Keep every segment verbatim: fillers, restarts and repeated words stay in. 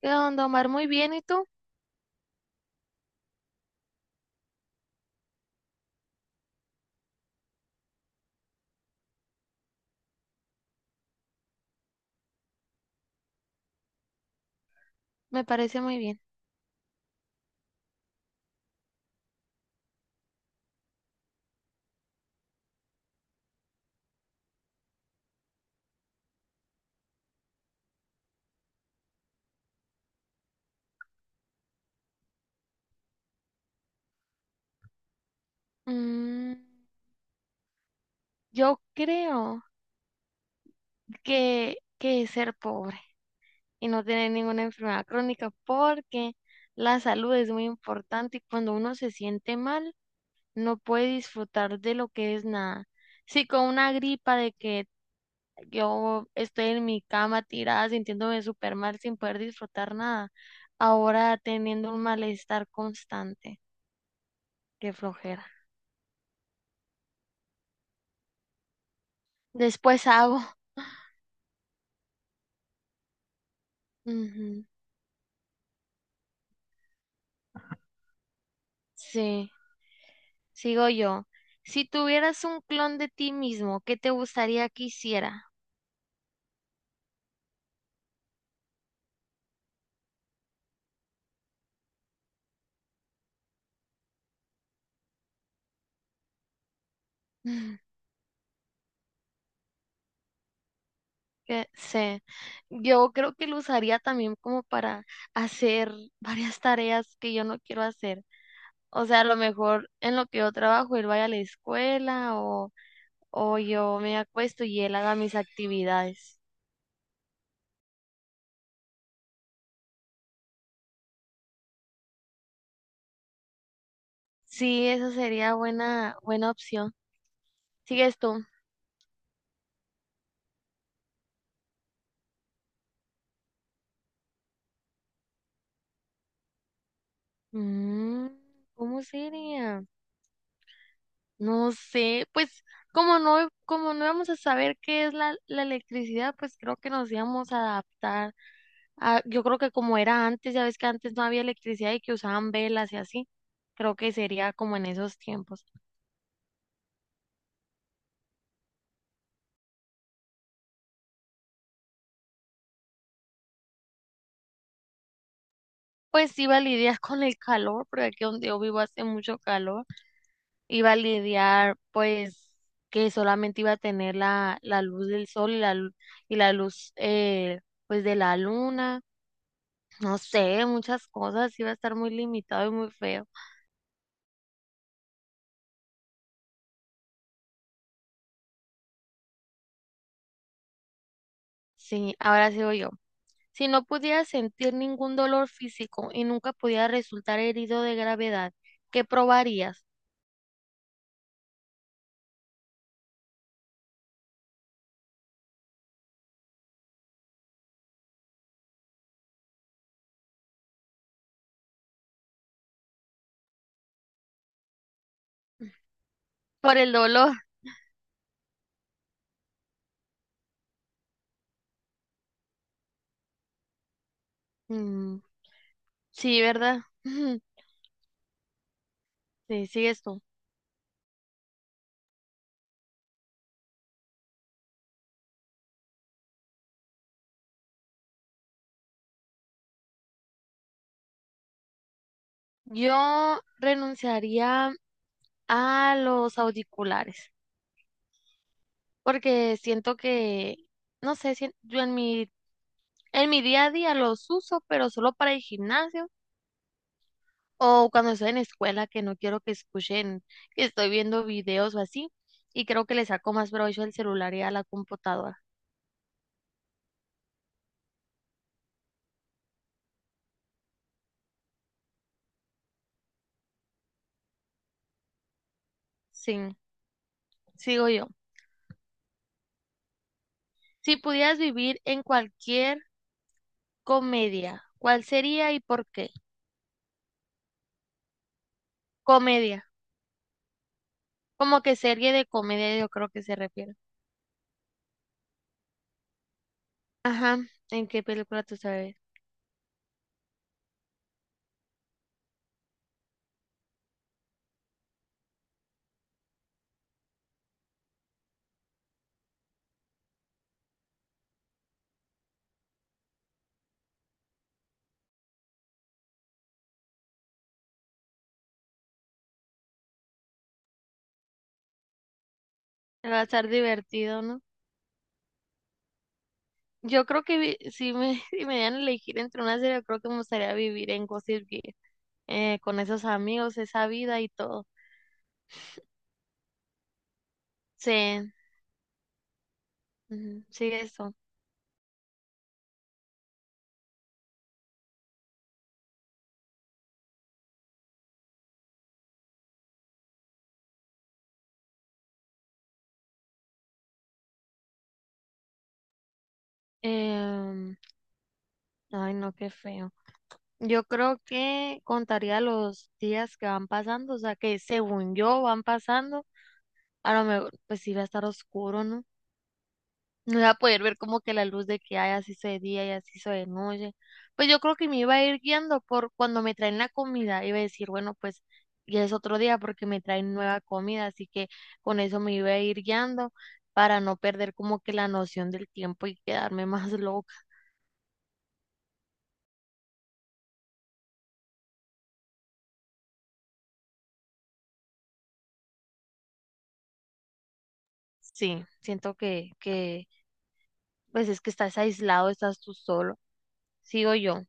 ¿Qué onda, Omar? Muy bien, ¿y tú? Me parece muy bien. Mm, yo creo que, que es ser pobre y no tener ninguna enfermedad crónica porque la salud es muy importante y cuando uno se siente mal no puede disfrutar de lo que es nada. Si con una gripa de que yo estoy en mi cama tirada sintiéndome súper mal sin poder disfrutar nada, ahora teniendo un malestar constante, qué flojera. Después hago. Ujú. Sí, sigo yo. Si tuvieras un clon de ti mismo, ¿qué te gustaría que hiciera? Mm, que sé, yo creo que lo usaría también como para hacer varias tareas que yo no quiero hacer. O sea, a lo mejor en lo que yo trabajo, él vaya a la escuela o, o yo me acuesto y él haga mis actividades. Sí, esa sería buena, buena opción. ¿Sigues tú? Mm, ¿cómo sería? No sé, pues como no, como no íbamos a saber qué es la, la electricidad, pues creo que nos íbamos a adaptar a, yo creo que como era antes, ya ves que antes no había electricidad y que usaban velas y así, creo que sería como en esos tiempos. Pues iba a lidiar con el calor, porque aquí donde yo vivo hace mucho calor, iba a lidiar pues que solamente iba a tener la, la luz del sol y la, lu- y la luz eh, pues de la luna, no sé, muchas cosas, iba a estar muy limitado y muy feo. Sí, ahora sigo yo. Si no pudiera sentir ningún dolor físico y nunca pudiera resultar herido de gravedad, ¿qué probarías? Por el dolor. Mm, sí, ¿verdad? Sí, sí, esto. Yo renunciaría a los auriculares porque siento que, no sé, si yo en mi, en mi día a día los uso, pero solo para el gimnasio. O cuando estoy en escuela que no quiero que escuchen que estoy viendo videos o así. Y creo que le saco más provecho al celular y a la computadora. Sí, sigo yo. Si pudieras vivir en cualquier comedia, ¿cuál sería y por qué? Comedia. Como que serie de comedia yo creo que se refiere. Ajá, ¿en qué película tú sabes? Va a estar divertido, ¿no? Yo creo que vi- si me, si me dieran a elegir entre una serie, yo creo que me gustaría vivir en Gossip Girl, eh, con esos amigos, esa vida y todo. Sí. Ujú. Sí, eso. Em, Ay, no, qué feo. Yo creo que contaría los días que van pasando, o sea, que según yo van pasando, a lo mejor pues sí va a estar oscuro, ¿no? No iba a poder ver como que la luz de que hay así se de día y así se de noche. Pues yo creo que me iba a ir guiando por cuando me traen la comida, iba a decir, bueno, pues ya es otro día porque me traen nueva comida, así que con eso me iba a ir guiando para no perder como que la noción del tiempo y quedarme más loca. Sí, siento que, que, pues es que estás aislado, estás tú solo. Sigo yo.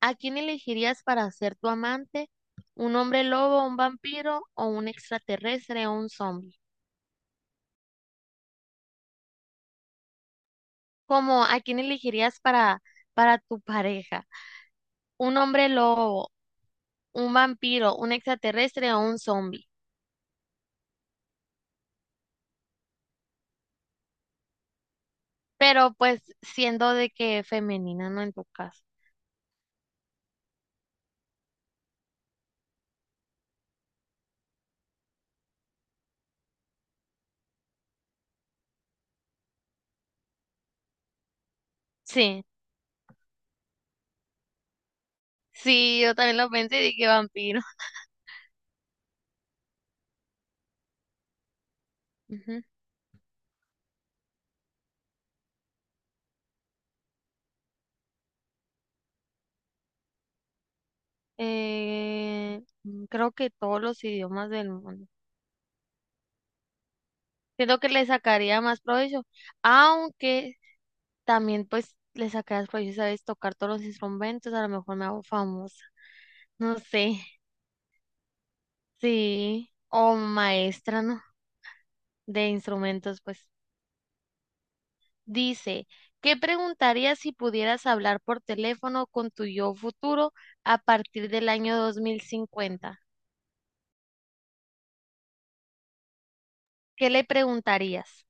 ¿A quién elegirías para ser tu amante? ¿Un hombre lobo, un vampiro o un extraterrestre o un zombie? ¿Cómo a quién elegirías para, para tu pareja? ¿Un hombre lobo, un vampiro, un extraterrestre o un zombie? Pero pues siendo de que femenina, no en tu caso. Sí, sí, yo también lo pensé y dije vampiro. Eh, mm, creo que todos los idiomas del mundo. Siento que le sacaría más provecho, aunque también pues le sacarías provecho, sabes, tocar todos los instrumentos, a lo mejor me hago famosa, no sé, sí, o maestra, ¿no? De instrumentos, pues. Dice, ¿qué preguntarías si pudieras hablar por teléfono con tu yo futuro a partir del año dos mil cincuenta? ¿Qué le preguntarías?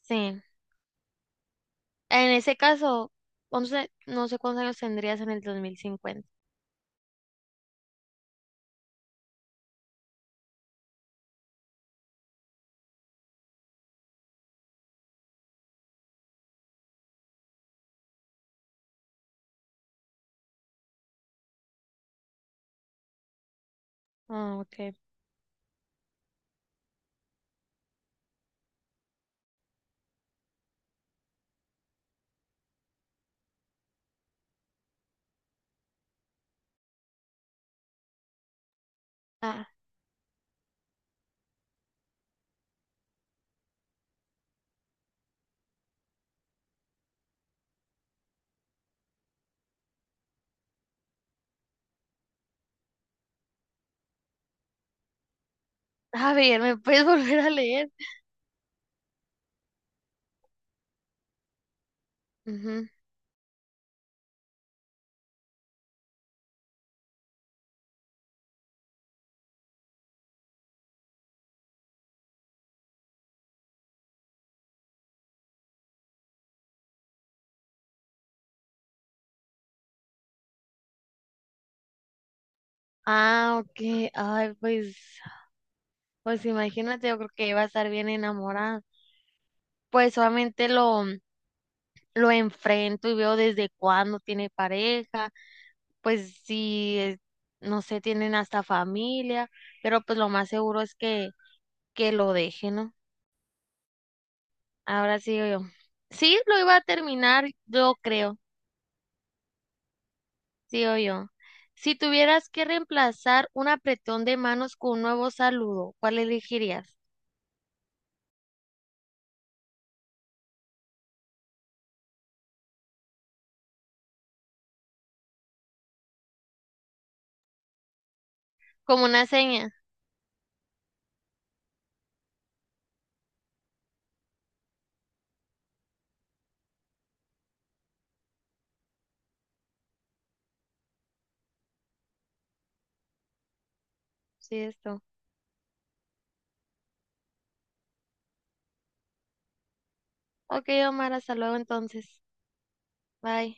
Sí. En ese caso, once, no sé cuántos años tendrías en el dos mil cincuenta. Ah, ok. Ah, a ver, ¿me puedes volver a leer? Ujú. Ah, ok. Ay, pues, pues imagínate, yo creo que iba a estar bien enamorada. Pues solamente lo, lo enfrento y veo desde cuándo tiene pareja, pues si, es- no sé, tienen hasta familia, pero pues lo más seguro es que, que lo deje, ¿no? Ahora sí yo. Sí, lo iba a terminar, yo creo. Sí, yo. Si tuvieras que reemplazar un apretón de manos con un nuevo saludo, ¿cuál elegirías? Como una seña. Sí, esto. Ok, Omar, hasta luego entonces. Bye.